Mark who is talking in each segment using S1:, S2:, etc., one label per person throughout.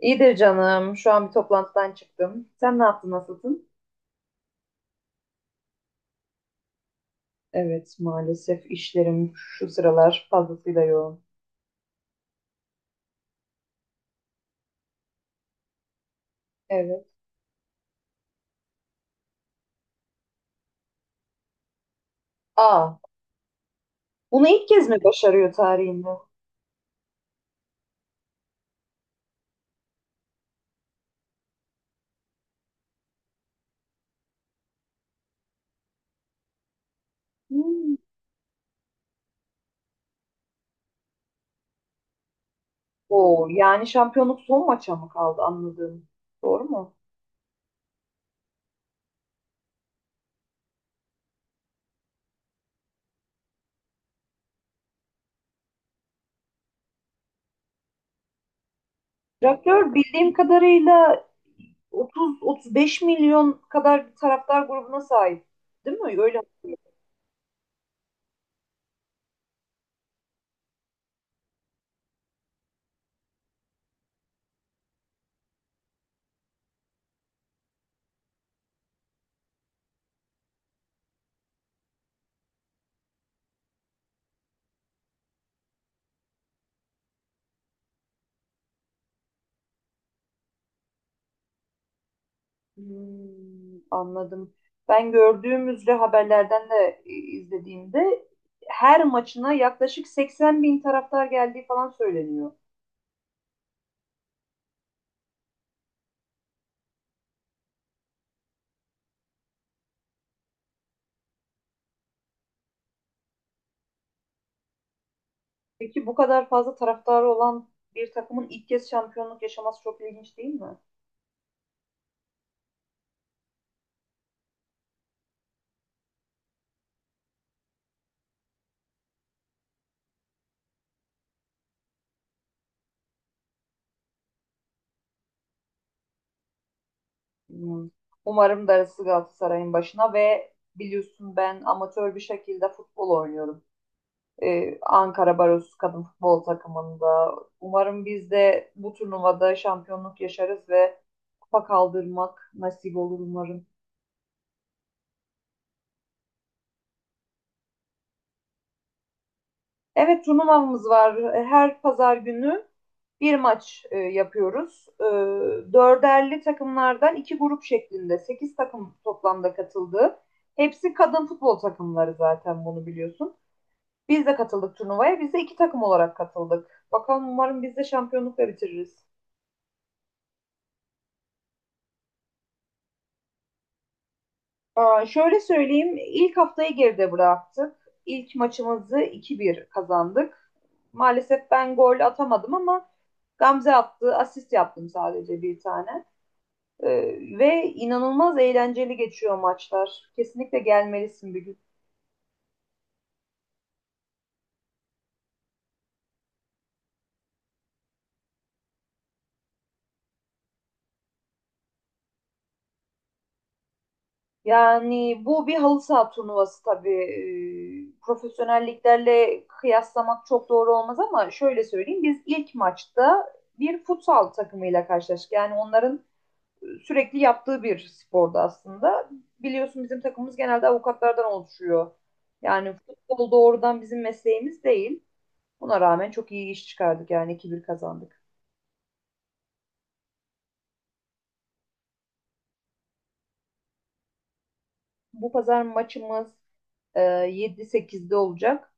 S1: İyidir canım. Şu an bir toplantıdan çıktım. Sen ne yaptın, nasılsın? Evet, maalesef işlerim şu sıralar fazlasıyla yoğun. Evet. Aa, bunu ilk kez mi başarıyor tarihinde? Hmm. Oo, yani şampiyonluk son maça mı kaldı anladığım. Doğru mu? Traktör bildiğim kadarıyla 30-35 milyon kadar bir taraftar grubuna sahip. Değil mi? Öyle. Hmm, anladım. Ben gördüğümüzde haberlerden de izlediğimde her maçına yaklaşık 80 bin taraftar geldiği falan söyleniyor. Peki bu kadar fazla taraftarı olan bir takımın ilk kez şampiyonluk yaşaması çok ilginç değil mi? Bilmiyorum. Umarım darısı Galatasaray'ın başına ve biliyorsun ben amatör bir şekilde futbol oynuyorum. Ankara Barosu kadın futbol takımında. Umarım biz de bu turnuvada şampiyonluk yaşarız ve kupa kaldırmak nasip olur umarım. Evet, turnuvamız var. Her pazar günü bir maç yapıyoruz. Dörderli takımlardan iki grup şeklinde sekiz takım toplamda katıldı. Hepsi kadın futbol takımları zaten bunu biliyorsun. Biz de katıldık turnuvaya. Biz de iki takım olarak katıldık. Bakalım, umarım biz de şampiyonlukla bitiririz. Aa, şöyle söyleyeyim, ilk haftayı geride bıraktık. İlk maçımızı 2-1 kazandık. Maalesef ben gol atamadım ama Gamze attı, asist yaptım sadece bir tane. Ve inanılmaz eğlenceli geçiyor maçlar. Kesinlikle gelmelisin bir gün. Yani bu bir halı saha turnuvası tabii. Profesyonelliklerle kıyaslamak çok doğru olmaz ama şöyle söyleyeyim, biz ilk maçta bir futsal takımıyla karşılaştık. Yani onların sürekli yaptığı bir spordu aslında. Biliyorsun bizim takımımız genelde avukatlardan oluşuyor. Yani futbol doğrudan bizim mesleğimiz değil. Buna rağmen çok iyi iş çıkardık, yani 2-1 kazandık. Bu pazar maçımız 7-8'de olacak.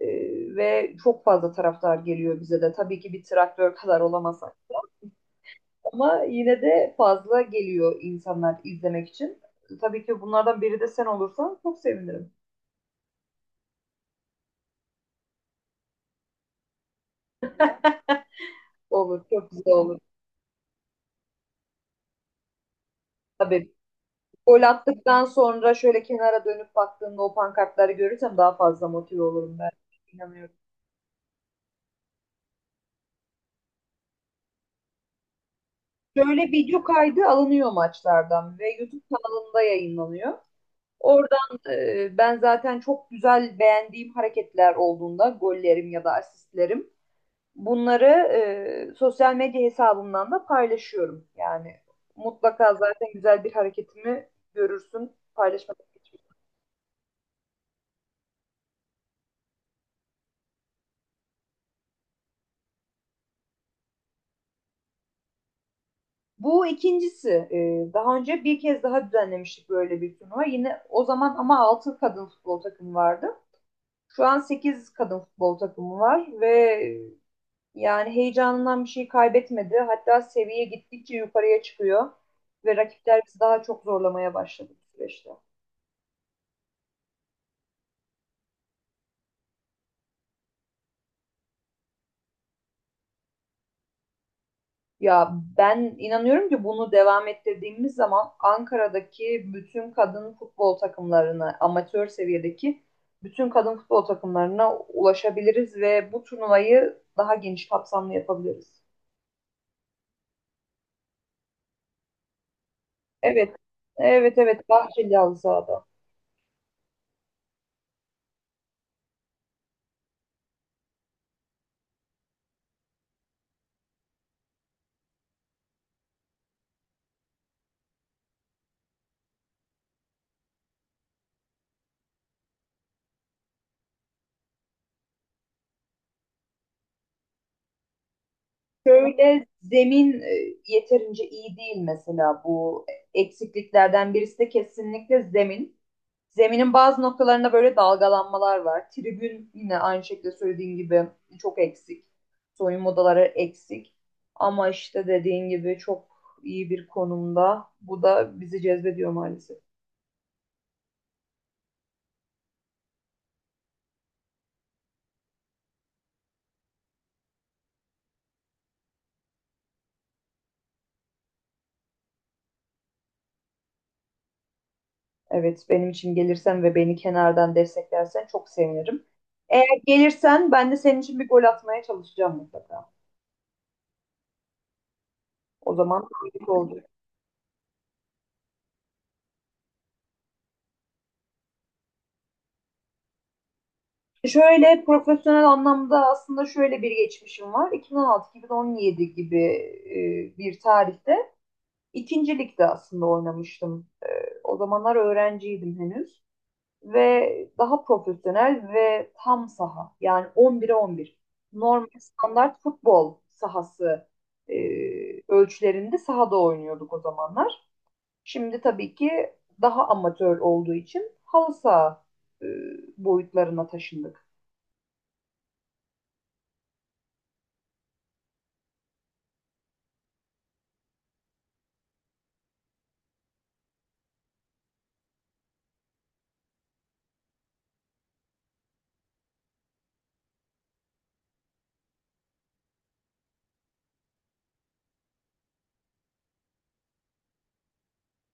S1: E, Ve çok fazla taraftar geliyor bize de. Tabii ki bir traktör kadar olamasak ama yine de fazla geliyor insanlar izlemek için. Tabii ki bunlardan biri de sen olursan çok sevinirim. Olur, çok güzel olur. Tabii. Gol attıktan sonra şöyle kenara dönüp baktığımda o pankartları görürsem daha fazla motive olurum ben. İnanıyorum. Şöyle video kaydı alınıyor maçlardan ve YouTube kanalında yayınlanıyor. Oradan ben zaten çok güzel beğendiğim hareketler olduğunda gollerim ya da asistlerim bunları sosyal medya hesabımdan da paylaşıyorum. Yani mutlaka zaten güzel bir hareketimi görürsün paylaşmadan. Bu ikincisi. Daha önce bir kez daha düzenlemiştik böyle bir turnuva. Yine o zaman ama 6 kadın futbol takımı vardı. Şu an 8 kadın futbol takımı var ve yani heyecanından bir şey kaybetmedi. Hatta seviye gittikçe yukarıya çıkıyor ve rakipler bizi daha çok zorlamaya başladı bu süreçte. Ya, ben inanıyorum ki bunu devam ettirdiğimiz zaman Ankara'daki bütün kadın futbol takımlarına, amatör seviyedeki bütün kadın futbol takımlarına ulaşabiliriz ve bu turnuvayı daha geniş kapsamlı yapabiliriz. Evet, evet, evet, Bahçeli halı sahada. Şöyle zemin yeterince iyi değil, mesela bu eksikliklerden birisi de kesinlikle zemin. Zeminin bazı noktalarında böyle dalgalanmalar var. Tribün yine aynı şekilde söylediğin gibi çok eksik. Soyunma odaları eksik. Ama işte dediğin gibi çok iyi bir konumda. Bu da bizi cezbediyor maalesef. Evet, benim için gelirsen ve beni kenardan desteklersen çok sevinirim. Eğer gelirsen ben de senin için bir gol atmaya çalışacağım mutlaka. O zaman büyük oldu. Şöyle profesyonel anlamda aslında şöyle bir geçmişim var. 2016-2017 gibi bir tarihte İkincilikte aslında oynamıştım. O zamanlar öğrenciydim henüz ve daha profesyonel ve tam saha, yani 11'e 11, normal standart futbol sahası e, ölçülerinde sahada oynuyorduk o zamanlar. Şimdi tabii ki daha amatör olduğu için halı saha e, boyutlarına taşındık.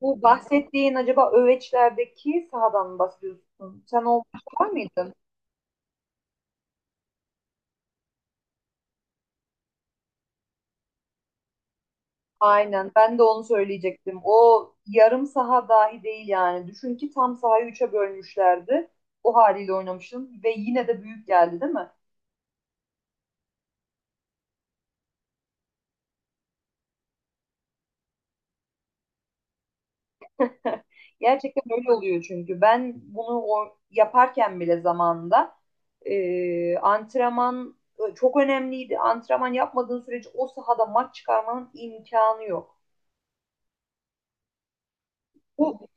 S1: Bu bahsettiğin acaba Öveçler'deki sahadan mı bahsediyorsun? Sen o maçta var mıydın? Aynen. Ben de onu söyleyecektim. O yarım saha dahi değil yani. Düşün ki tam sahayı üçe bölmüşlerdi. O haliyle oynamıştım ve yine de büyük geldi, değil mi? Gerçekten öyle oluyor çünkü. Ben bunu o yaparken bile zamanında antrenman çok önemliydi. Antrenman yapmadığın sürece o sahada maç çıkarmanın imkanı yok. Bu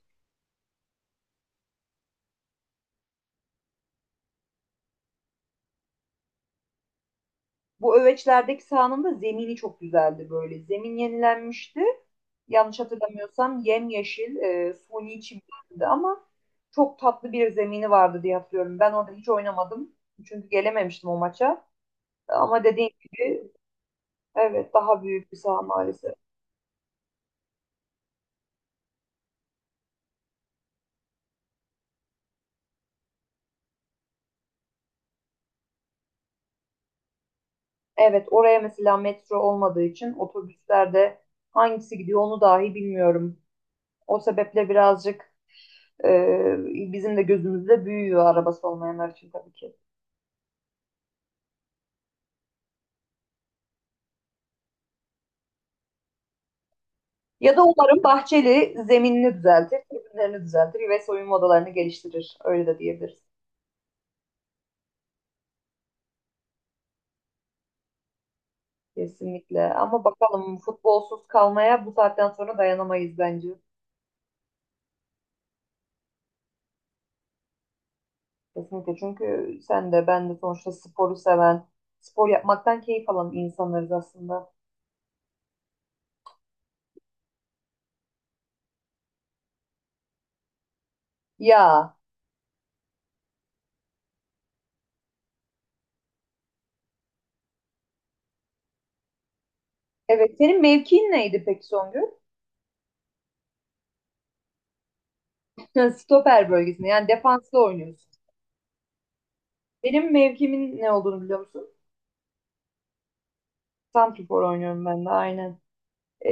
S1: Bu öveçlerdeki sahanın da zemini çok güzeldi böyle. Zemin yenilenmişti. Yanlış hatırlamıyorsam yemyeşil, suni çimlendi ama çok tatlı bir zemini vardı diye hatırlıyorum. Ben orada hiç oynamadım. Çünkü gelememiştim o maça. Ama dediğin gibi, evet, daha büyük bir saha maalesef. Evet, oraya mesela metro olmadığı için otobüslerde hangisi gidiyor onu dahi bilmiyorum. O sebeple birazcık e, bizim de gözümüzde büyüyor arabası olmayanlar için tabii ki. Ya da umarım Bahçeli zeminini düzeltir, tribünlerini düzeltir ve soyunma odalarını geliştirir. Öyle de diyebiliriz. Kesinlikle. Ama bakalım, futbolsuz kalmaya bu saatten sonra dayanamayız bence. Kesinlikle. Çünkü sen de ben de sonuçta sporu seven, spor yapmaktan keyif alan insanlarız aslında. Ya, evet. Senin mevkiin neydi peki, Songül? Stoper bölgesinde. Yani defansta oynuyorsun. Benim mevkimin ne olduğunu biliyor musun? Santrfor oynuyorum ben de aynen. Ee,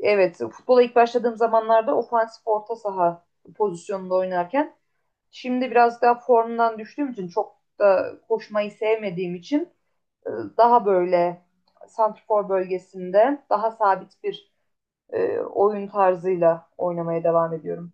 S1: evet, futbola ilk başladığım zamanlarda ofansif orta saha pozisyonunda oynarken şimdi biraz daha formdan düştüğüm için, çok da koşmayı sevmediğim için, e, daha böyle santrfor bölgesinde daha sabit bir oyun tarzıyla oynamaya devam ediyorum.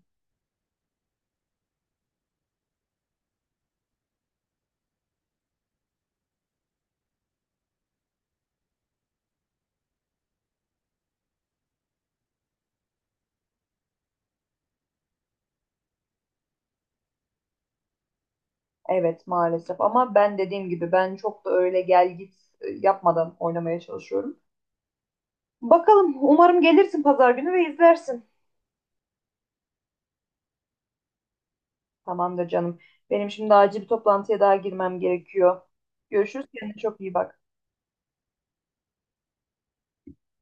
S1: Evet maalesef ama ben dediğim gibi ben çok da öyle gel git yapmadan oynamaya çalışıyorum. Bakalım, umarım gelirsin pazar günü ve izlersin. Tamamdır canım. Benim şimdi acil bir toplantıya daha girmem gerekiyor. Görüşürüz. Kendine çok iyi bak.